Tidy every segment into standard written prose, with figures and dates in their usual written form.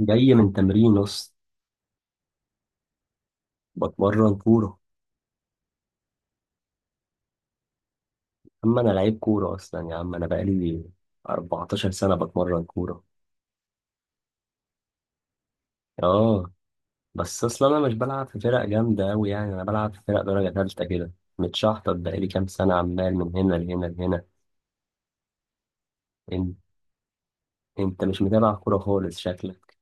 جاي من تمرين اصلا. بتمرن كورة. اما انا لعيب كورة اصلا يا عم، انا بقالي 14 سنة بتمرن كورة. اه، بس اصلا انا مش بلعب في فرق جامدة اوي، يعني انا بلعب في فرق درجة تالتة كده. متشحطط بقالي كام سنة عمال من هنا لهنا لهنا. انت، انت مش متابع كورة خالص شكلك.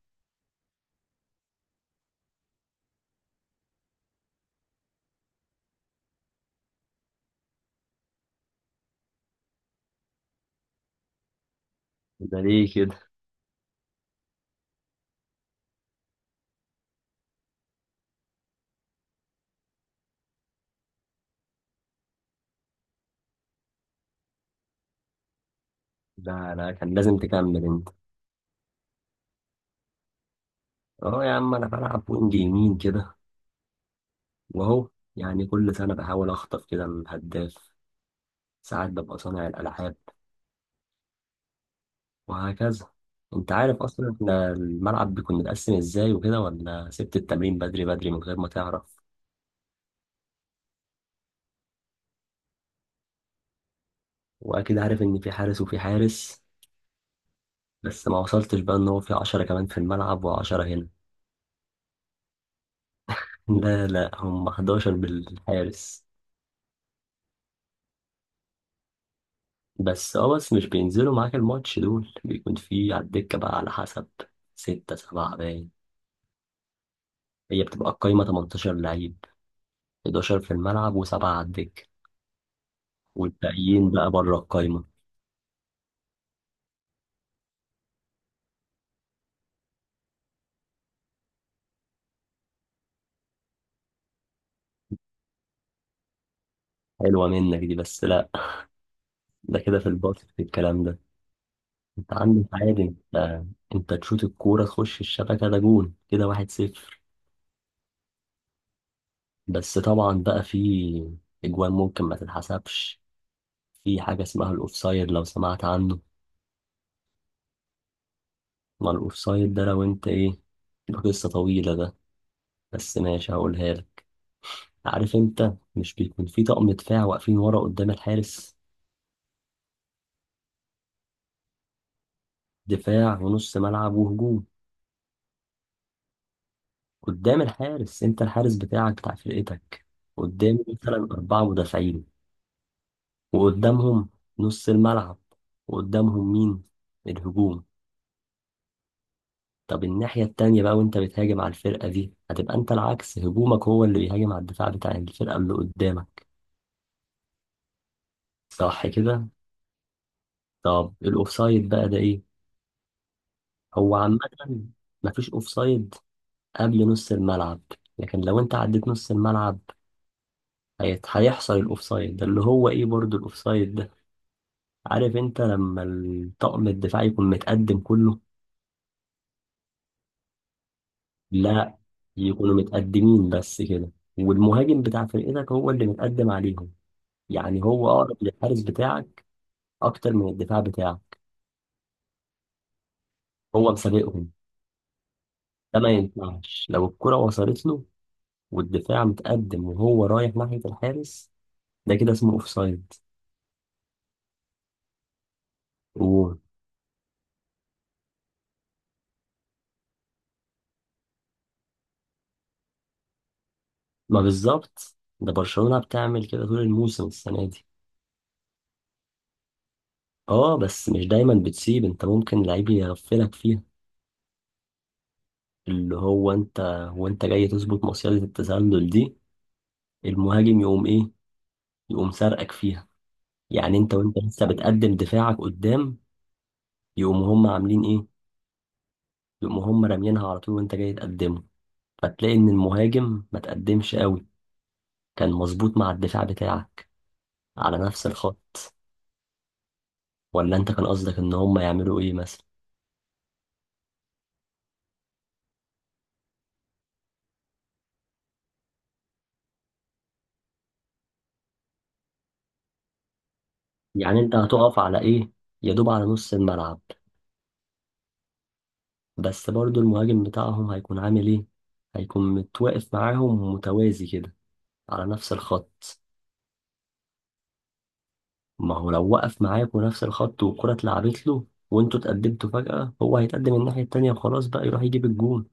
ده ليه كده؟ ده انا كان لازم تكمل انت. اه يا عم، انا بلعب وينج يمين كده. واهو، يعني كل سنة بحاول اخطف كده الهداف، ساعات ببقى صانع الالعاب، وهكذا. انت عارف اصلا احنا الملعب بيكون متقسم ازاي وكده، ولا سبت التمرين بدري بدري من غير ما تعرف؟ واكيد عارف ان في حارس وفي حارس، بس ما وصلتش بقى ان هو في 10 كمان في الملعب و10 هنا. لا لا، هم 11 بالحارس. بس اه، بس مش بينزلوا معاك الماتش دول، بيكون في على الدكة بقى على حسب 6 7 باين. هي بتبقى القايمة 18 لعيب، 11 في الملعب و7 على الدكة، والباقيين بقى بره القايمة. حلوة منك دي، بس لا. ده كده في الباطن في الكلام ده. انت عندك عادي انت، انت تشوط الكورة تخش الشبكة ده جون كده، 1-0. بس طبعا بقى في اجوان ممكن ما تتحسبش. في حاجة اسمها الاوفسايد، لو سمعت عنه. ما الاوفسايد ده لو انت ايه، ده قصة طويلة ده، بس ماشي هقولها لك. عارف انت مش بيكون في طقم دفاع واقفين ورا قدام الحارس؟ دفاع ونص ملعب وهجوم. قدام الحارس، انت الحارس بتاعك بتاع فرقتك، قدام مثلا 4 مدافعين، وقدامهم نص الملعب، وقدامهم مين؟ الهجوم. طب الناحية التانية بقى وانت بتهاجم على الفرقة دي، هتبقى انت العكس، هجومك هو اللي بيهاجم على الدفاع بتاع الفرقة اللي قدامك. صح كده؟ طب الاوفسايد بقى ده ايه؟ هو عامة، مفيش اوفسايد قبل نص الملعب، لكن لو انت عديت نص الملعب هيحصل الاوفسايد، ده اللي هو ايه برضو الاوفسايد ده. عارف انت لما الطقم الدفاعي يكون متقدم كله؟ لا، يكونوا متقدمين بس كده، والمهاجم بتاع فرقتك هو اللي متقدم عليهم. يعني هو اقرب للحارس بتاعك اكتر من الدفاع بتاعك، هو مسابقهم. ده ما ينفعش لو الكرة وصلت له والدفاع متقدم وهو رايح ناحية الحارس، ده كده اسمه اوفسايد. وما بالظبط، ده برشلونة بتعمل كده طول الموسم السنة دي. اه، بس مش دايما بتسيب، انت ممكن لعيب يغفلك فيها. اللي هو انت وانت جاي تظبط مصيدة التسلل دي، المهاجم يقوم ايه؟ يقوم سرقك فيها. يعني انت وانت لسه بتقدم دفاعك قدام، يقوموا هم عاملين ايه؟ يقوموا هم راميينها على طول وانت جاي تقدمه، فتلاقي ان المهاجم ما تقدمش قوي، كان مظبوط مع الدفاع بتاعك على نفس الخط. ولا انت كان قصدك ان هم يعملوا ايه مثلا؟ يعني انت هتقف على ايه؟ يا دوب على نص الملعب؟ بس برضو المهاجم بتاعهم هيكون عامل ايه؟ هيكون متواقف معاهم متوازي كده على نفس الخط. ما هو لو وقف معاكوا نفس الخط والكرة اتلعبت له وانتوا اتقدمتوا فجأة، هو هيتقدم الناحية التانية وخلاص بقى يروح يجيب الجون.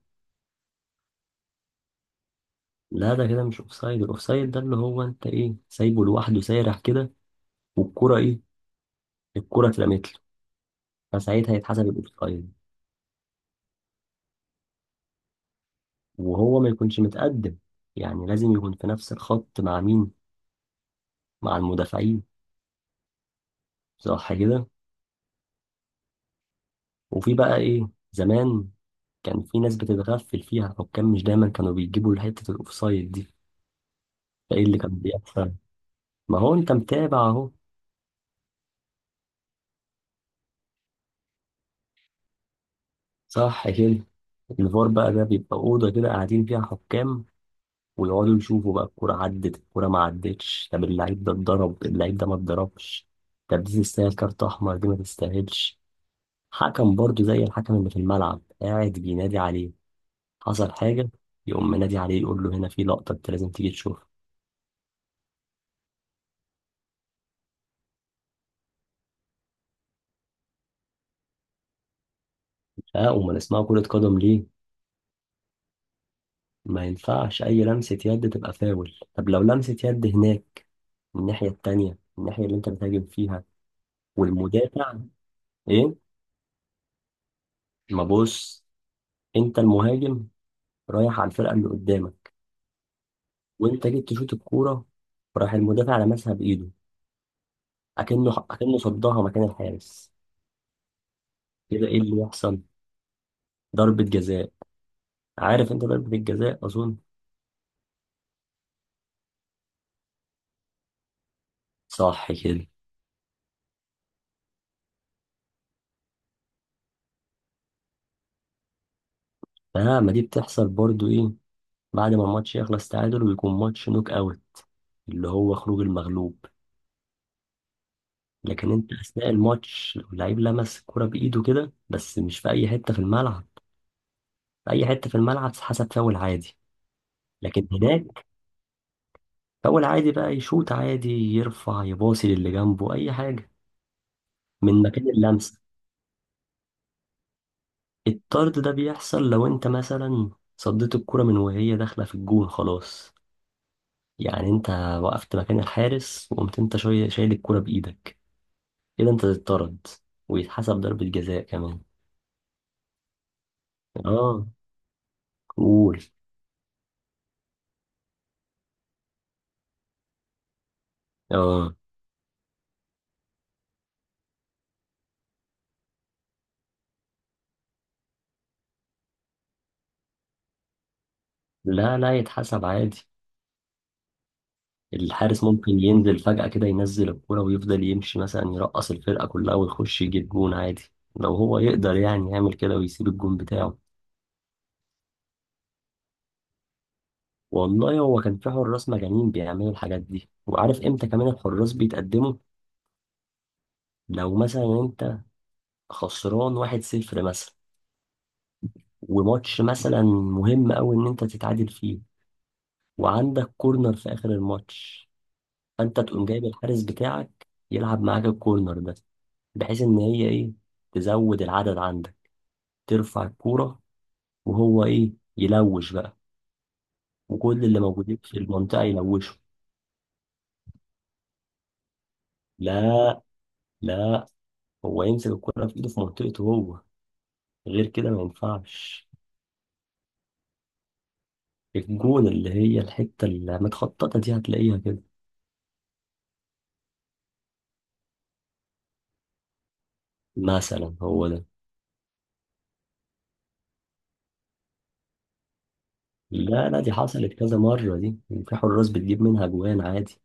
لا، ده كده مش اوفسايد. الاوفسايد ده اللي هو انت ايه، سايبه لوحده سارح كده، والكرة ايه؟ الكرة اترمت له، فساعتها يتحسب الاوفسايد. وهو ما يكونش متقدم، يعني لازم يكون في نفس الخط مع مين؟ مع المدافعين. صح كده؟ وفي بقى ايه زمان كان في ناس بتتغفل فيها الحكام، مش دايما كانوا بيجيبوا حتة الاوفسايد دي. فايه اللي كان بيحصل؟ ما هو انت متابع اهو. صح كده. الفار بقى ده بيبقى أوضة كده قاعدين فيها حكام، ويقعدوا يشوفوا بقى الكورة عدت الكورة ما عدتش، طب اللعيب ده اتضرب اللعيب ده ما اتضربش، طب دي تستاهل كارت أحمر دي ما تستاهلش. حكم برضه زي الحكم اللي في الملعب قاعد بينادي عليه. حصل حاجة، يقوم منادي عليه يقول له هنا في لقطة أنت لازم تيجي تشوفها. اه، أمال اسمها كرة قدم ليه؟ ما ينفعش أي لمسة يد، تبقى فاول. طب لو لمسة يد هناك، الناحية التانية الناحية اللي أنت بتهاجم فيها، والمدافع، إيه؟ ما بص، انت المهاجم رايح على الفرقه اللي قدامك، وانت جيت تشوط الكوره، راح المدافع لمسها بايده، اكنه صدها مكان الحارس. كده ايه اللي يحصل؟ ضربه جزاء. عارف انت ضربه الجزاء اظن. صح كده. اه، ما دي بتحصل برضو ايه، بعد ما الماتش يخلص تعادل ويكون ماتش نوك اوت، اللي هو خروج المغلوب. لكن انت اثناء الماتش لو اللعيب لمس الكرة بايده كده بس مش في اي حته في الملعب، في اي حته في الملعب حسب فاول عادي. لكن هناك، فاول عادي بقى، يشوط عادي، يرفع، يباصي للي جنبه، اي حاجه من مكان اللمسه. الطرد ده بيحصل لو انت مثلا صديت الكرة من وهي داخله في الجون خلاص. يعني انت وقفت مكان الحارس وقمت انت شويه شايل الكرة بايدك، كده انت تتطرد ويتحسب ضربة جزاء كمان. اه. قول. اه، لا لا، يتحسب عادي. الحارس ممكن ينزل فجأة كده، ينزل الكورة ويفضل يمشي مثلا، يرقص الفرقة كلها ويخش يجيب جون عادي. لو هو يقدر يعني يعمل كده ويسيب الجون بتاعه. والله هو كان في حراس مجانين بيعملوا الحاجات دي. وعارف امتى كمان الحراس بيتقدموا؟ لو مثلا انت خسران 1-0 مثلا، وماتش مثلا مهم قوي ان انت تتعادل فيه، وعندك كورنر في اخر الماتش، فانت تقوم جايب الحارس بتاعك يلعب معاك الكورنر ده، بحيث ان هي ايه، تزود العدد عندك، ترفع الكورة وهو إيه يلوش بقى، وكل اللي موجودين في المنطقة يلوشوا. لا لا، هو يمسك الكورة في إيده في منطقته هو، غير كده ما ينفعش. الجون اللي هي الحتة اللي متخططة دي هتلاقيها كده، مثلا هو ده. لا لا، دي حصلت كذا مرة دي، وفي حراس بتجيب منها جوان عادي.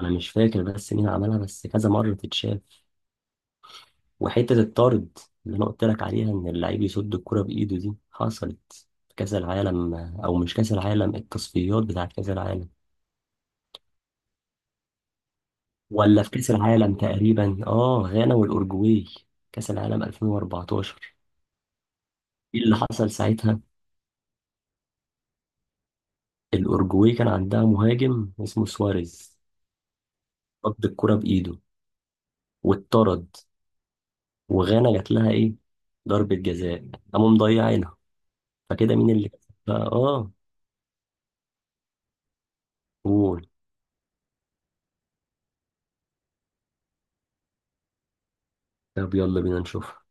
أنا مش فاكر بس مين عملها، بس كذا مرة تتشاف. وحتة الطارد اللي أنا قلت لك عليها، إن اللعيب يصد الكرة بإيده، دي حصلت في كأس العالم، أو مش كأس العالم، التصفيات بتاعت كأس العالم، ولا في كأس العالم تقريبا، آه، غانا والأورجواي، كأس العالم 2014. إيه اللي حصل ساعتها؟ الأورجواي كان عندها مهاجم اسمه سواريز، صد الكرة بإيده واتطرد، وغانا جات لها إيه؟ ضربة جزاء، قاموا مضيعينها. فكده مين اللي كسب بقى؟ آه. قول. طب يلا بينا نشوف.